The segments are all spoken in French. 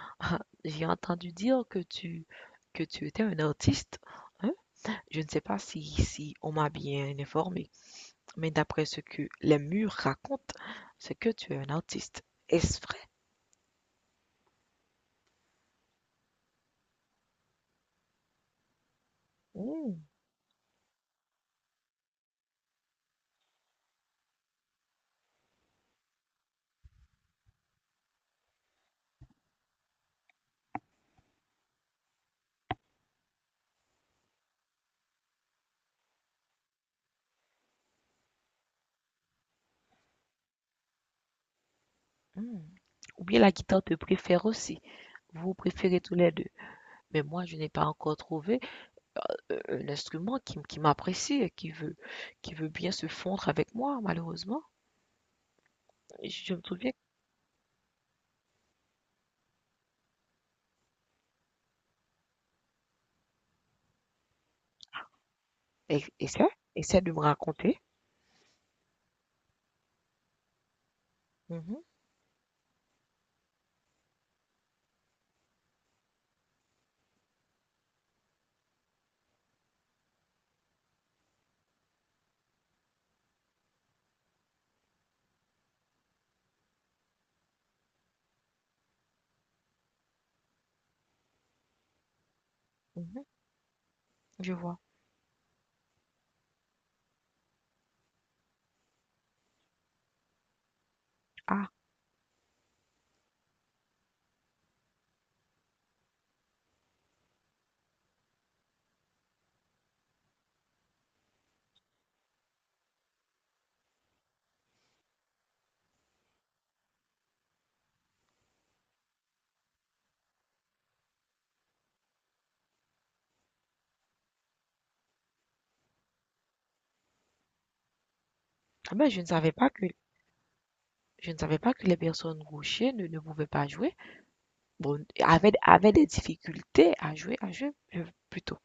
Ah, j'ai entendu dire que tu étais un artiste, hein? Je ne sais pas si on m'a bien informé, mais d'après ce que les murs racontent, c'est que tu es un artiste. Est-ce vrai? Hmm, hmm. Ou bien la guitare te préfère aussi. Vous préférez tous les deux. Mais moi, je n'ai pas encore trouvé un instrument qui m'apprécie et qui veut bien se fondre avec moi, malheureusement. Je me souviens. Et ça? Essaie de me raconter. Mhm, mhm. Je vois. Ah. Ah ben, je ne savais pas que je ne savais pas que les personnes gauchères ne pouvaient pas jouer. Bon, avaient des difficultés à jouer, plutôt.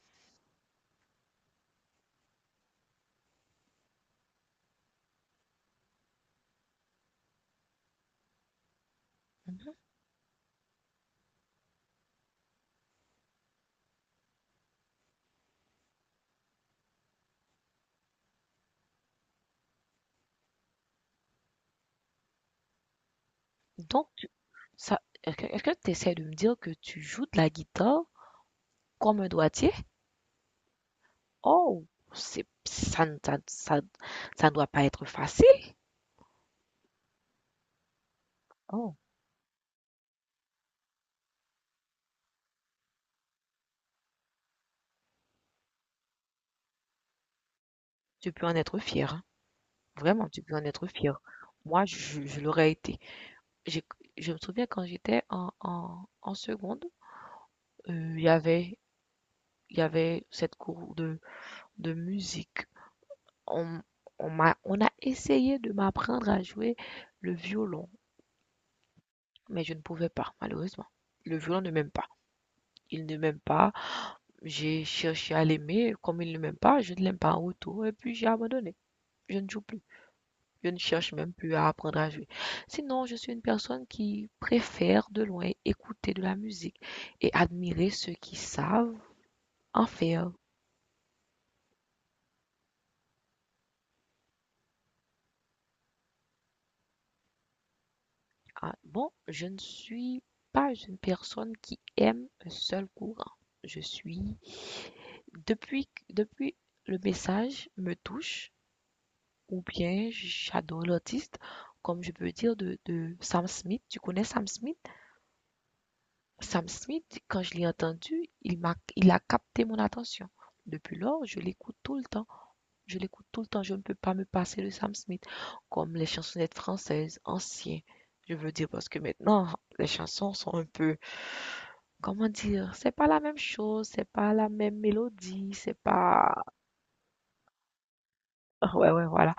Mhm. Donc, ça, est-ce que tu essaies de me dire que tu joues de la guitare comme un droitier? Oh, c'est, ça, ne- ça ne doit pas être facile. Oh, tu peux en être fier, hein. Vraiment, tu peux en être fier. Moi, je l'aurais été. J'ai- je me souviens quand j'étais en seconde, euh, il y avait, il y avait cette cour de musique. On, on on a essayé de m'apprendre à jouer le violon, mais je ne pouvais pas, malheureusement. Le violon ne m'aime pas. Il ne m'aime pas. J'ai cherché à l'aimer. Comme il ne m'aime pas, je ne l'aime pas en retour. Et puis j'ai abandonné. Je ne joue plus. Je ne cherche même plus à apprendre à jouer. Sinon, je suis une personne qui préfère de loin écouter de la musique et admirer ceux qui savent en faire. Ah, bon, je ne suis pas une personne qui aime un seul courant. Je suis, depuis le message me touche, ou bien j'adore l'artiste, comme je peux dire de Sam Smith. Tu connais Sam Smith? Sam Smith, quand je l'ai entendu, il a capté mon attention. Depuis lors, je l'écoute tout le temps. Je l'écoute tout le temps, je ne peux pas me passer de Sam Smith, comme les chansonnettes françaises anciennes. Je veux dire, parce que maintenant, les chansons sont un peu, comment dire, c'est pas la même chose, c'est pas la même mélodie, c'est pas. Ouais, ouais, voilà.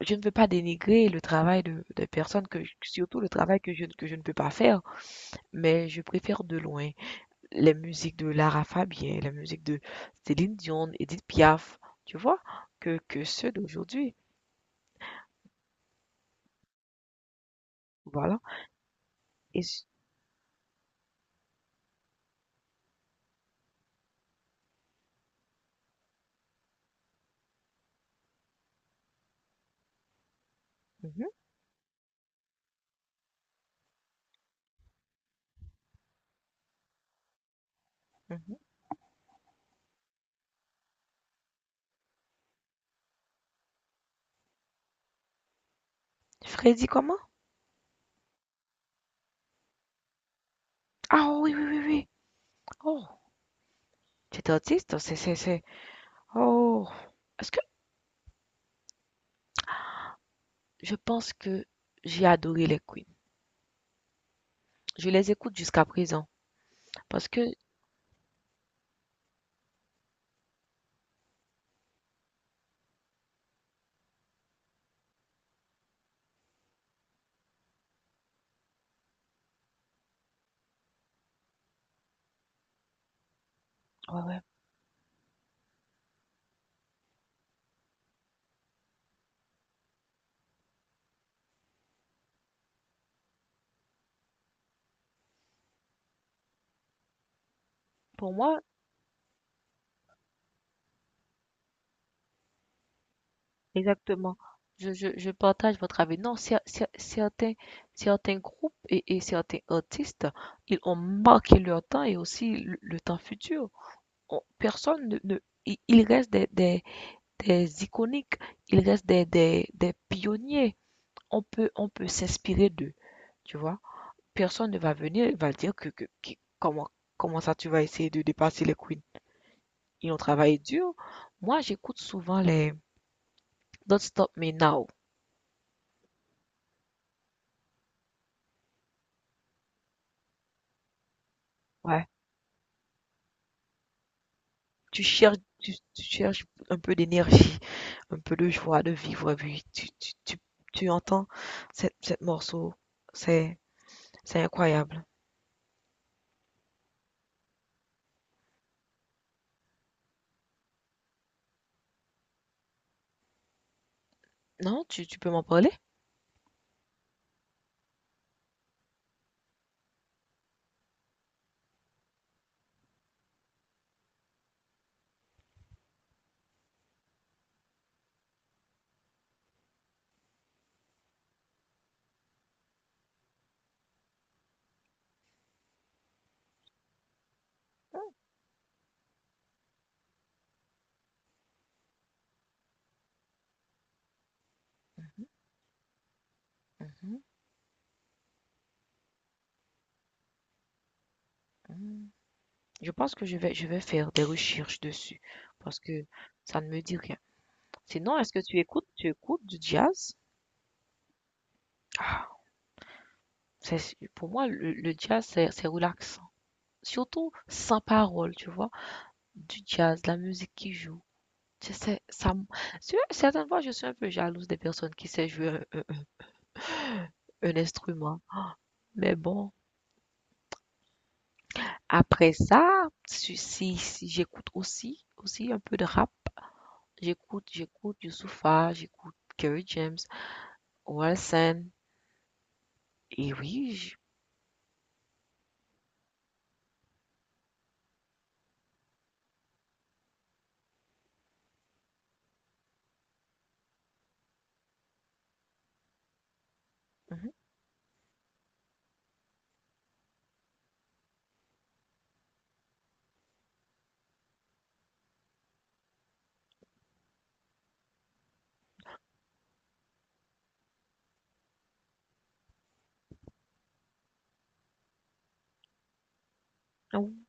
Je ne veux pas dénigrer le travail des personnes surtout le travail que je ne peux pas faire, mais je préfère de loin les musiques de Lara Fabian, les musiques de Céline Dion, Edith Piaf, tu vois, que ceux d'aujourd'hui. Voilà. Et, Mmh Freddy comment? Ah oui, oui, oui, oui. Oh, tu étais autiste? C'est Oh. Est-ce que je pense que j'ai adoré les Queens. Je les écoute jusqu'à présent parce que, ouais, ouais. Pour moi, exactement. Je partage votre avis. Non, certains groupes et certains artistes, ils ont marqué leur temps et aussi le temps futur. On- personne ne, ne- Il reste des iconiques, il reste des pionniers. On peut s'inspirer d'eux, tu vois. Personne ne va venir et va dire comment, comment ça tu vas essayer de dépasser les queens. Ils ont travaillé dur. Moi, j'écoute souvent les Don't Stop Me Now. Ouais. Tu cherches, tu cherches un peu d'énergie, un peu de joie de vivre. Et puis tu entends cette morceau. C'est, c'est incroyable. Non, tu peux m'en parler? Mhm, mhm. Je pense que je vais faire des recherches dessus parce que ça ne me dit rien. Sinon, est-ce que tu écoutes du jazz? Ah, c'est, pour moi, le jazz, c'est relaxant. Surtout sans parole, tu vois. Du jazz, de la musique qui joue. Tu sais, tu certaines fois, je suis un peu jalouse des personnes qui savent jouer un instrument. Mais bon, après ça, si j'écoute aussi un peu de rap, j'écoute Youssoupha, j'écoute Kerry James, Orelsan. Et oui, j- mhm.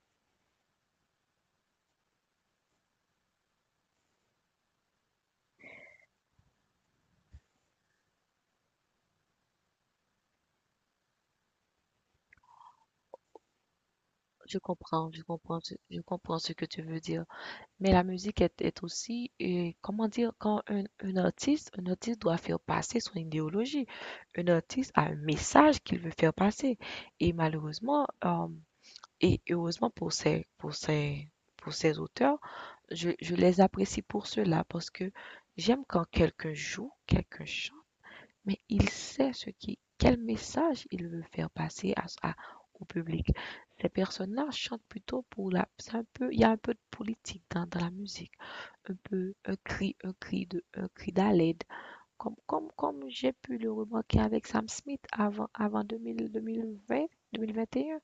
Je comprends, je comprends ce que tu veux dire. Mais la musique est aussi, comment dire, quand un artiste, un artiste doit faire passer son idéologie. Un artiste a un message qu'il veut faire passer. Et malheureusement, et heureusement pour ces auteurs, je les apprécie pour cela parce que j'aime quand quelqu'un joue, quelqu'un chante mais il sait quel message il veut faire passer au public. Ces personnes-là chantent plutôt pour la, c'est un peu, il y a un peu de politique dans la musique, un peu un cri de, un cri d'aide, comme j'ai pu le remarquer avec Sam Smith avant, 2000, 2020, 2021,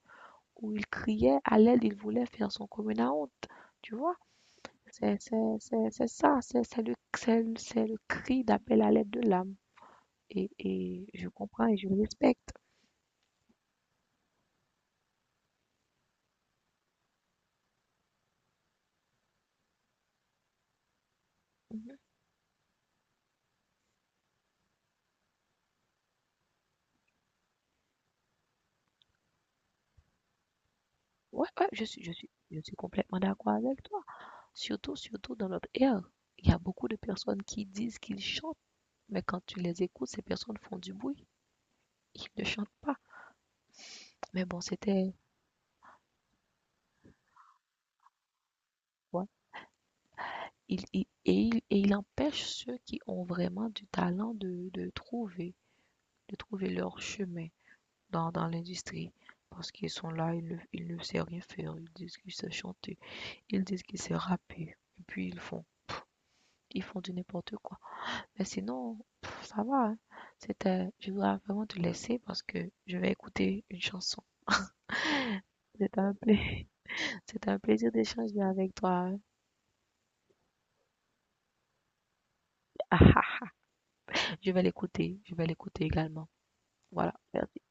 où il criait à l'aide, il voulait faire son commun à honte, tu vois? C'est ça, c'est le cri d'appel à l'aide de l'âme. Et je comprends et je respecte. Mhm. Ouais, ouais, je suis complètement d'accord avec toi. Surtout dans notre ère. Il y a beaucoup de personnes qui disent qu'ils chantent, mais quand tu les écoutes, ces personnes font du bruit. Ils ne chantent pas. Mais bon, c'était, ouais. Et et il empêche ceux qui ont vraiment du talent de trouver, de trouver leur chemin dans l'industrie. Parce qu'ils sont là, ils ne savent rien faire. Ils disent qu'ils savent chanter. Ils disent qu'ils savent rapper. Et puis ils font du n'importe quoi. Mais sinon, pff, ça va, hein. C'était, je voudrais vraiment te laisser parce que je vais écouter une chanson. C'est un plaisir, c'est un plaisir d'échanger avec toi. Je vais l'écouter également. Voilà, merci.